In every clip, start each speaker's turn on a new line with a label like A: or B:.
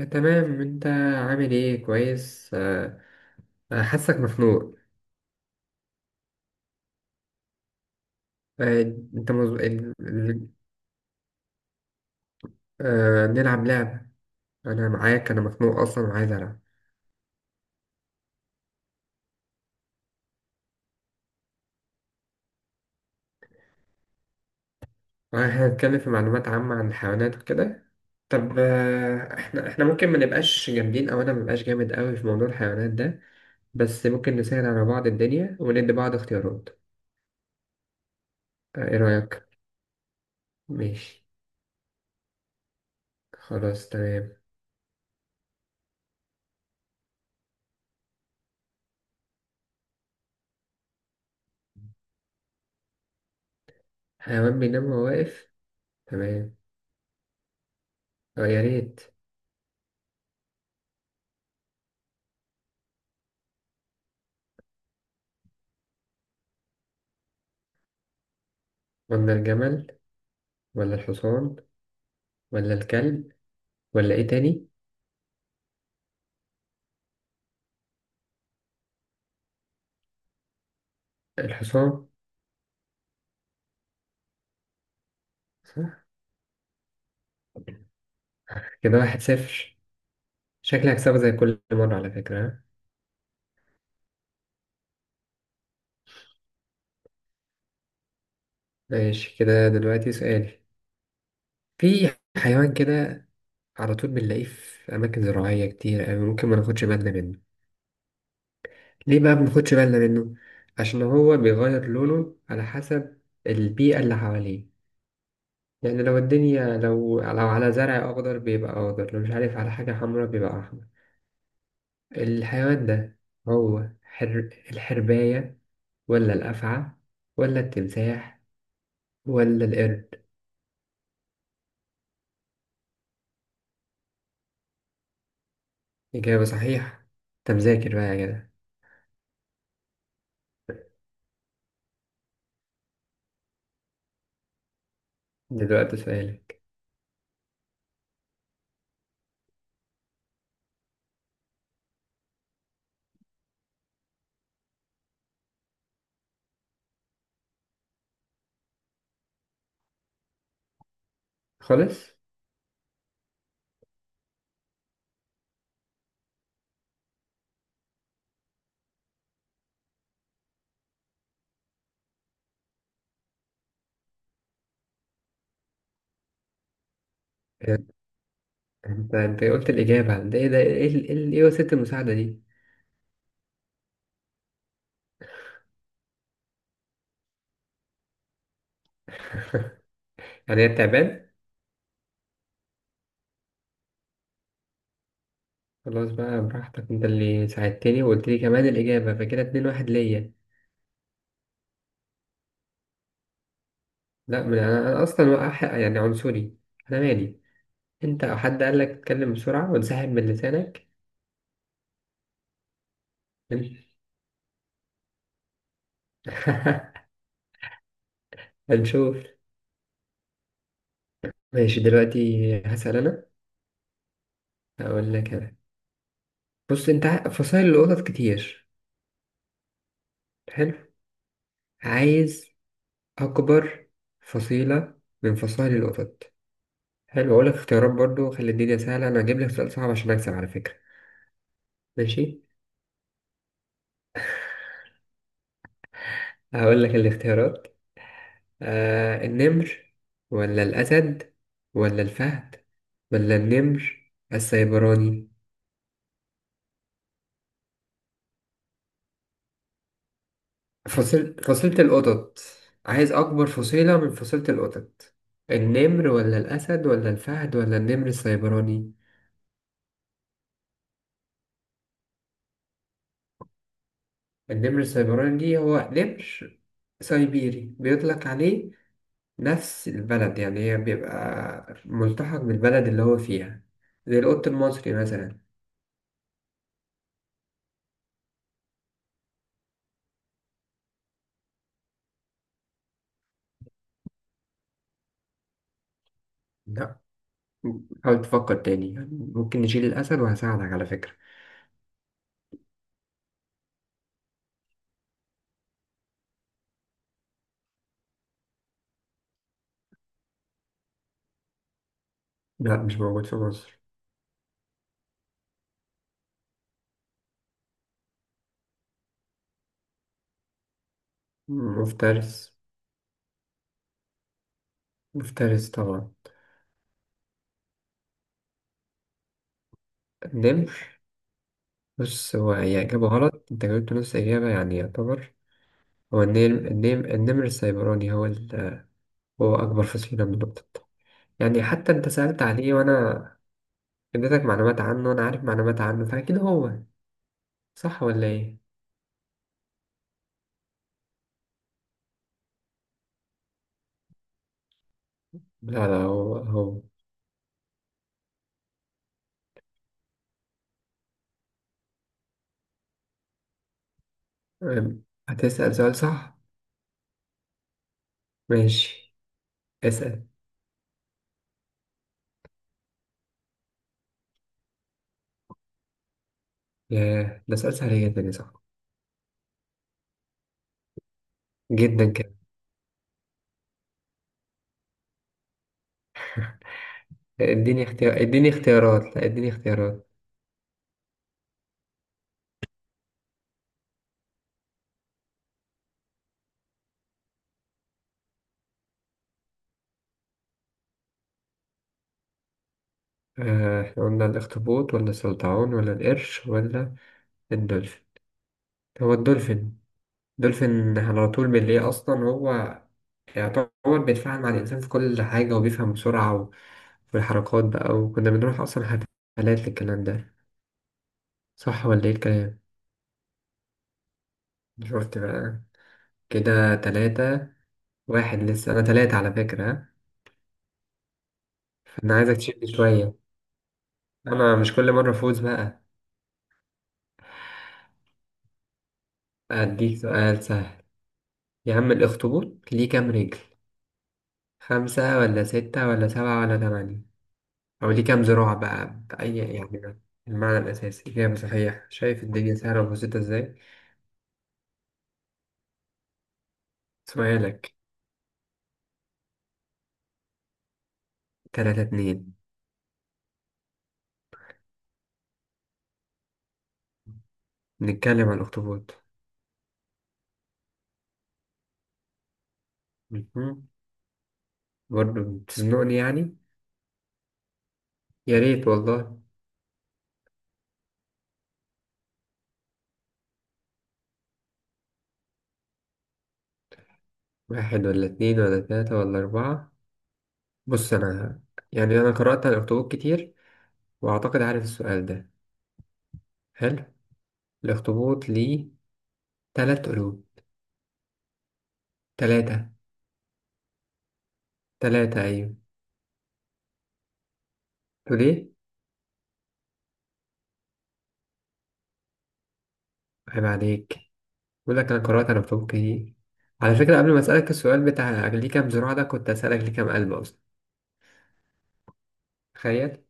A: تمام، انت عامل ايه كويس. آه. آه، حاسك مخنوق. آه، انت آه، نلعب لعبة. انا معاك، انا مخنوق اصلا وعايز العب. آه، احنا هنتكلم في معلومات عامة عن الحيوانات وكده. طب، آه، احنا ممكن ما نبقاش جامدين، او انا ما بقاش جامد قوي في موضوع الحيوانات ده. بس ممكن نسهل على بعض الدنيا وندي بعض اختيارات. آه، ايه رأيك؟ ماشي، خلاص تمام. حيوان بينام وهو واقف. تمام. آه، يا ريت. قلنا الجمل، ولا الحصان، ولا الكلب، ولا ايه تاني؟ الحصان. صح. كده 1-0. شكلي هكسبه زي كل مرة على فكرة، ها؟ ماشي. كده دلوقتي سؤالي. في حيوان كده على طول بنلاقيه في أماكن زراعية كتير أوي، ممكن ما ناخدش بالنا منه. ليه بقى ما بناخدش بالنا منه؟ عشان هو بيغير لونه على حسب البيئة اللي حواليه. يعني لو الدنيا، لو على زرع أخضر بيبقى أخضر، لو مش عارف على حاجة حمرا بيبقى أحمر. الحيوان ده هو الحرباية، ولا الأفعى، ولا التمساح، ولا القرد؟ إجابة صحيحة. أنت مذاكر بقى يا جدع. دلوقتي سؤالك. خالص. إيه، أنت قلت الإجابة. ده إيه؟ ده إيه وسيلة المساعدة دي؟ يعني هي بتعبان. خلاص بقى، براحتك، أنت اللي ساعدتني وقلت لي كمان الإجابة، فكده 2-1 ليا. لا، من أنا أصلا يعني عنصري. أنا مالي. أنت أو حد قال لك اتكلم بسرعة وانسحب من لسانك؟ هنشوف. ماشي دلوقتي، هسأل أنا. هقول لك أنا. بص، انت فصائل القطط كتير. حلو. عايز اكبر فصيلة من فصائل القطط. حلو، اقول لك اختيارات برضو، خلي الدنيا سهلة، انا هجيب لك سؤال صعب عشان اكسب على فكرة. ماشي. هقول لك الاختيارات. آه، النمر، ولا الاسد، ولا الفهد، ولا النمر السيبراني. فصيلة القطط. عايز اكبر فصيلة من فصيلة القطط. النمر، ولا الاسد، ولا الفهد، ولا النمر السيبراني. النمر السيبراني دي هو نمر سيبيري بيطلق عليه نفس البلد، يعني هي بيبقى ملتحق بالبلد اللي هو فيها، زي القط المصري مثلا. لا، حاول تفكر تاني يعني. ممكن نشيل الأسد، وهساعدك على فكرة. لا، مش موجود في مصر. مفترس. مفترس طبعا. النمر. بص، هو هي إجابة غلط، أنت جاوبت نص إجابة يعني يعتبر. هو النمر السيبراني هو ال... هو أكبر فصيلة من القطط. يعني حتى أنت سألت عليه، وأنا اديتك معلومات عنه، وانا عارف معلومات عنه، فاكيد هو صح ولا ايه؟ لا لا، هو هو. هتسأل سؤال صح؟ ماشي، اسأل. ياه، ده سؤال سهل جدا يا صاحبي. جدا كده. اديني اختيار، اديني اختيارات، لا اديني اختيارات. آه، احنا قلنا الاخطبوط، ولا السلطعون، ولا القرش، ولا الدولفين. هو الدولفين. دولفين على طول بالليل أصلا، هو يعتبر بيتفاعل مع الإنسان في كل حاجة وبيفهم بسرعة، والحركات بقى، وكنا بنروح أصلا حفلات للكلام ده. صح ولا إيه الكلام؟ شفت بقى. كده 3-1، لسه أنا تلاتة على فكرة، ها؟ فأنا عايزك تشد شوية. أنا مش كل مرة أفوز بقى. أديك سؤال سهل. يا عم، الأخطبوط ليه كام رجل؟ خمسة، ولا ستة، ولا سبعة، ولا تمانية؟ أو ليه كام زراعة بقى، بأي يعني المعنى الأساسي. إجابة صحيحة. شايف الدنيا سهلة وبسيطة إزاي. سؤالك. 3-2. نتكلم عن الأخطبوط. مهم. برضه بتزنقني يعني. يا ريت والله. واحد، ولا اتنين، ولا تلاتة، ولا أربعة؟ بص أنا، يعني أنا قرأت عن الأخطبوط كتير، وأعتقد عارف السؤال ده. حلو. الأخطبوط ليه تلات قلوب. تلاتة. تلاتة أيوة. تقول إيه؟ عيب عليك. بقول لك انا قرات انا بحبك ايه على فكره. قبل ما اسالك السؤال بتاع ليه كام زراعه ده، كنت اسالك ليه كام قلب اصلا. تخيل.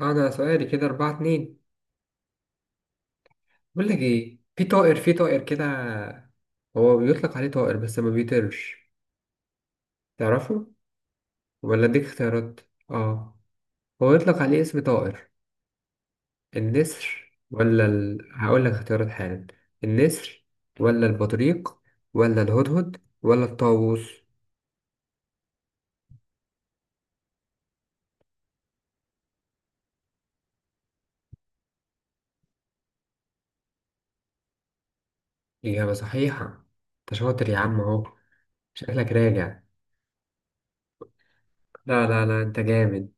A: انا سؤالي كده 4-2. بقول لك ايه، في طائر كده، هو بيطلق عليه طائر بس ما بيطيرش. تعرفه ولا اديك اختيارات؟ اه. هو يطلق عليه اسم طائر. النسر، ولا ال... هقول لك اختيارات حالا. النسر، ولا البطريق، ولا الهدهد، ولا الطاووس. اجابه صحيحه. انت شاطر يا عم اهو. شكلك راجع. لا لا لا، انت جامد.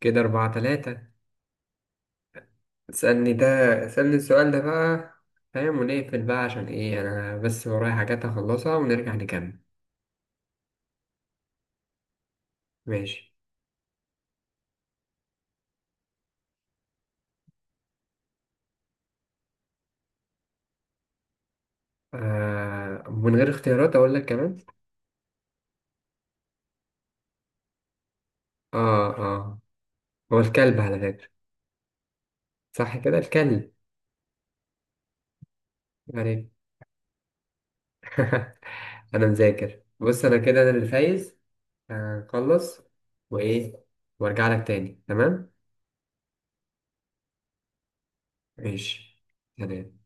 A: كده 4-3. اسألني ده. اسألني السؤال ده بقى، فاهم، ونقفل بقى عشان ايه، انا بس ورايا حاجات هخلصها ونرجع نكمل. ماشي. آه، من غير اختيارات اقول لك كمان. اه اه. هو الكلب على فكرة. صح كده الكلب. يعني. انا مذاكر. بص انا كده انا اللي فايز. هخلص وايه، وارجع لك تاني. تمام ماشي. سلام.